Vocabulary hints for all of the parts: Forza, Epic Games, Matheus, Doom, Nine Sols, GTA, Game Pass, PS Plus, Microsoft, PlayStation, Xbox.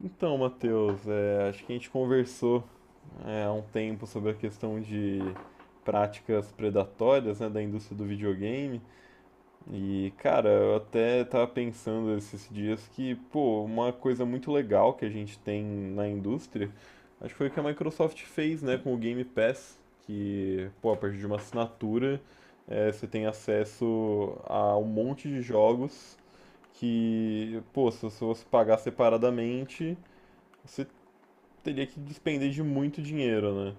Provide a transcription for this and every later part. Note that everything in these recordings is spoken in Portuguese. Então, Matheus, acho que a gente conversou há um tempo sobre a questão de práticas predatórias, né, da indústria do videogame. E, cara, eu até tava pensando esses dias que, pô, uma coisa muito legal que a gente tem na indústria, acho que foi o que a Microsoft fez, né, com o Game Pass, que, pô, a partir de uma assinatura, você tem acesso a um monte de jogos que, pô, se você pagar separadamente, você teria que despender de muito dinheiro, né?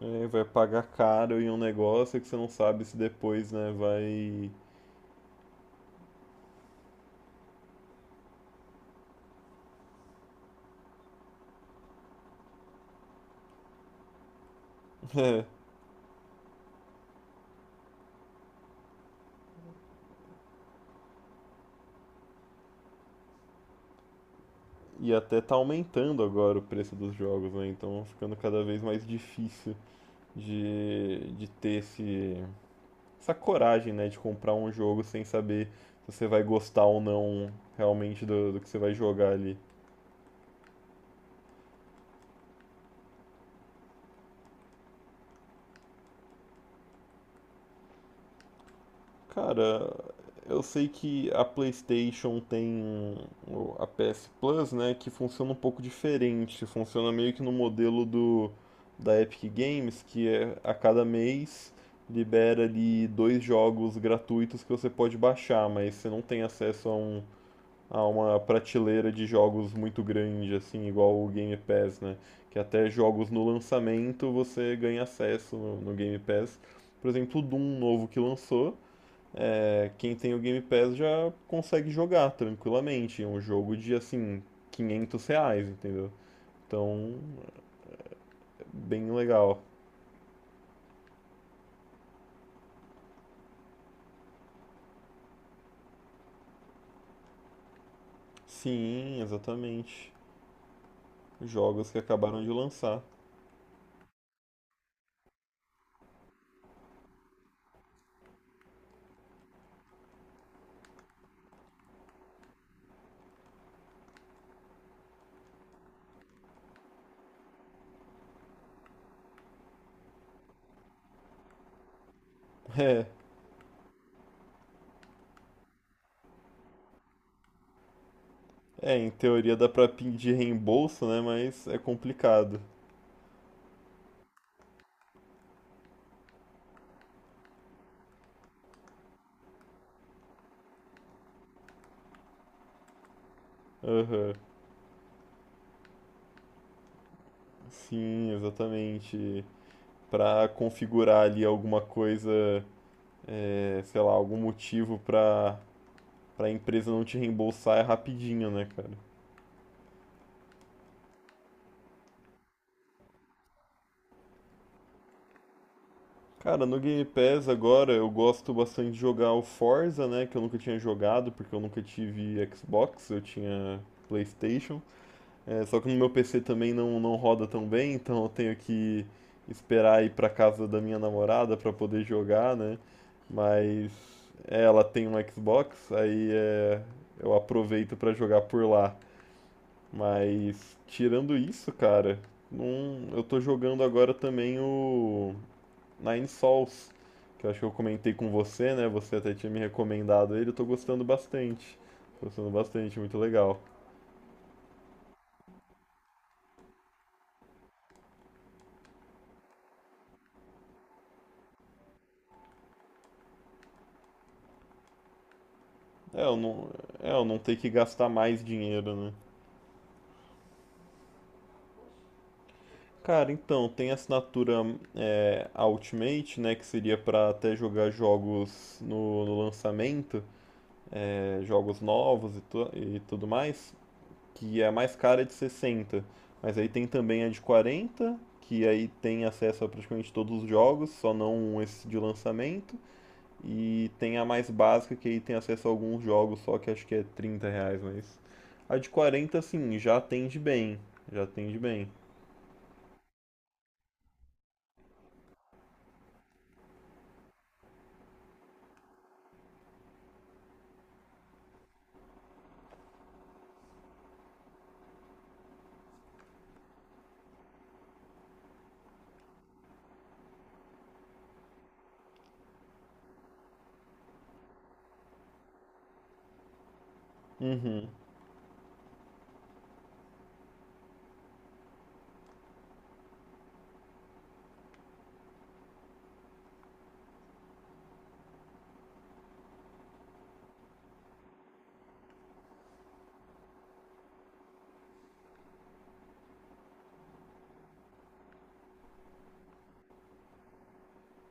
É, vai pagar caro em um negócio que você não sabe se depois, né, vai. E até tá aumentando agora o preço dos jogos, né? Então ficando cada vez mais difícil de ter essa coragem, né, de comprar um jogo sem saber se você vai gostar ou não realmente do que você vai jogar ali. Cara, eu sei que a PlayStation tem a PS Plus, né, que funciona um pouco diferente. Funciona meio que no modelo do da Epic Games, que é a cada mês libera ali dois jogos gratuitos que você pode baixar, mas você não tem acesso a a uma prateleira de jogos muito grande assim, igual o Game Pass, né? Que até jogos no lançamento você ganha acesso no Game Pass. Por exemplo, o Doom novo que lançou. É, quem tem o Game Pass já consegue jogar tranquilamente. É um jogo de assim, R$ 500, entendeu? Então, é bem legal. Sim, exatamente. Jogos que acabaram de lançar. É, é, em teoria dá pra pedir reembolso, né? Mas é complicado. Aham. Sim, exatamente. Pra configurar ali alguma coisa, sei lá, algum motivo pra empresa não te reembolsar é rapidinho, né, cara? Cara, no Game Pass agora eu gosto bastante de jogar o Forza, né? Que eu nunca tinha jogado porque eu nunca tive Xbox, eu tinha PlayStation. É, só que no meu PC também não roda tão bem, então eu tenho que esperar ir pra casa da minha namorada pra poder jogar, né? Mas é, ela tem um Xbox, aí é, eu aproveito pra jogar por lá. Mas tirando isso, cara, não, eu tô jogando agora também o. Nine Sols, que eu acho que eu comentei com você, né? Você até tinha me recomendado ele, eu tô gostando bastante. Tô gostando bastante, muito legal. É, eu não, é, eu não ter que gastar mais dinheiro, né? Cara, então, tem a assinatura Ultimate, né, que seria pra até jogar jogos no lançamento, é, jogos novos e, e tudo mais, que é a mais cara é de 60. Mas aí tem também a de 40, que aí tem acesso a praticamente todos os jogos, só não esse de lançamento. E tem a mais básica, que aí tem acesso a alguns jogos só, que acho que é R$ 30, mas. A de 40 assim, já atende bem. Já atende bem. Uhum.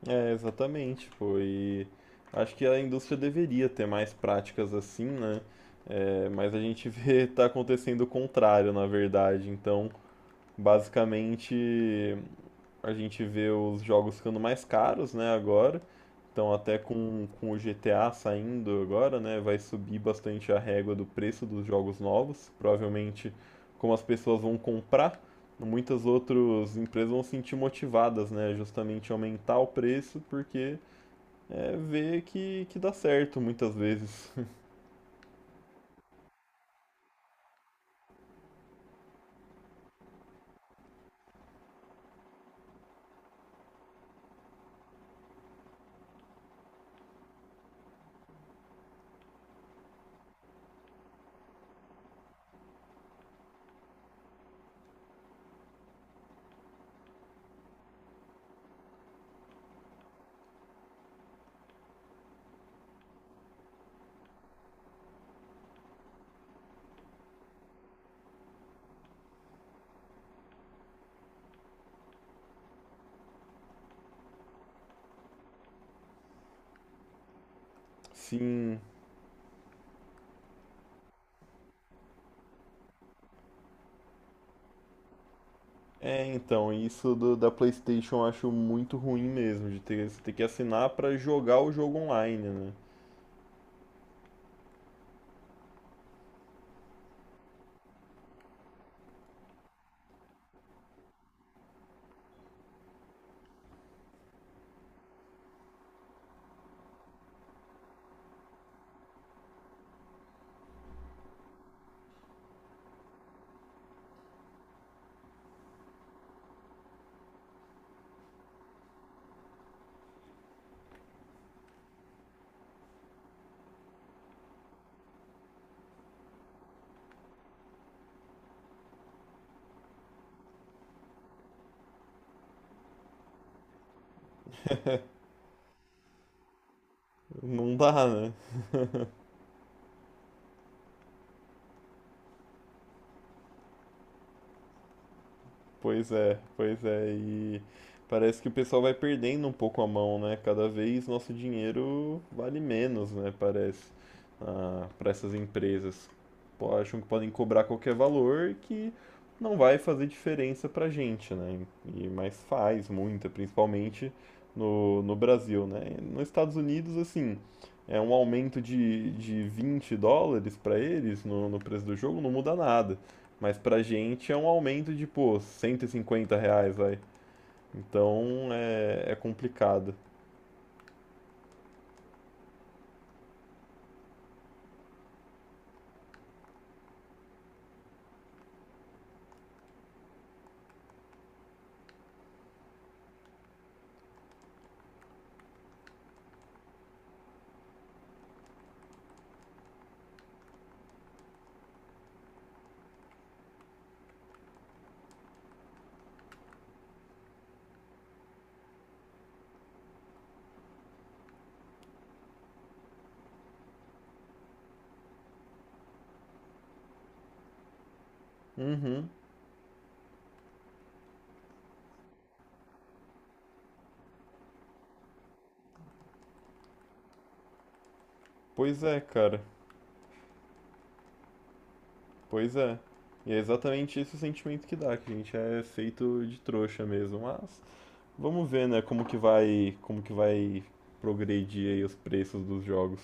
É, exatamente, pô. E acho que a indústria deveria ter mais práticas assim, né? É, mas a gente vê tá acontecendo o contrário, na verdade. Então, basicamente, a gente vê os jogos ficando mais caros, né, agora. Então, até com o GTA saindo agora, né, vai subir bastante a régua do preço dos jogos novos. Provavelmente, como as pessoas vão comprar, muitas outras empresas vão se sentir motivadas, né, justamente aumentar o preço, porque é, que dá certo muitas vezes. Sim. É, então, isso da PlayStation eu acho muito ruim mesmo, de ter, você ter que assinar para jogar o jogo online, né? Não dá, né? Pois é, pois é. E parece que o pessoal vai perdendo um pouco a mão, né? Cada vez nosso dinheiro vale menos, né? Parece, ah, para essas empresas. Pô, acham que podem cobrar qualquer valor que não vai fazer diferença pra gente, né? E, mas faz muita, principalmente no Brasil, né? Nos Estados Unidos, assim, é um aumento de US$ 20 para eles no preço do jogo, não muda nada. Mas pra gente é um aumento de, pô, R$ 150, vai. Então é, é complicado. Uhum. Pois é, cara. Pois é. E é exatamente esse o sentimento que dá, que a gente é feito de trouxa mesmo. Mas vamos ver, né, como que vai progredir aí os preços dos jogos.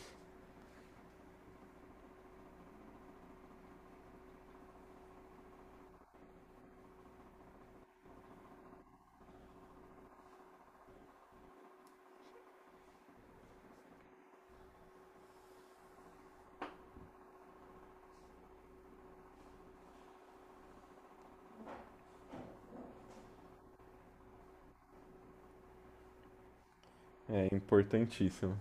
É importantíssimo.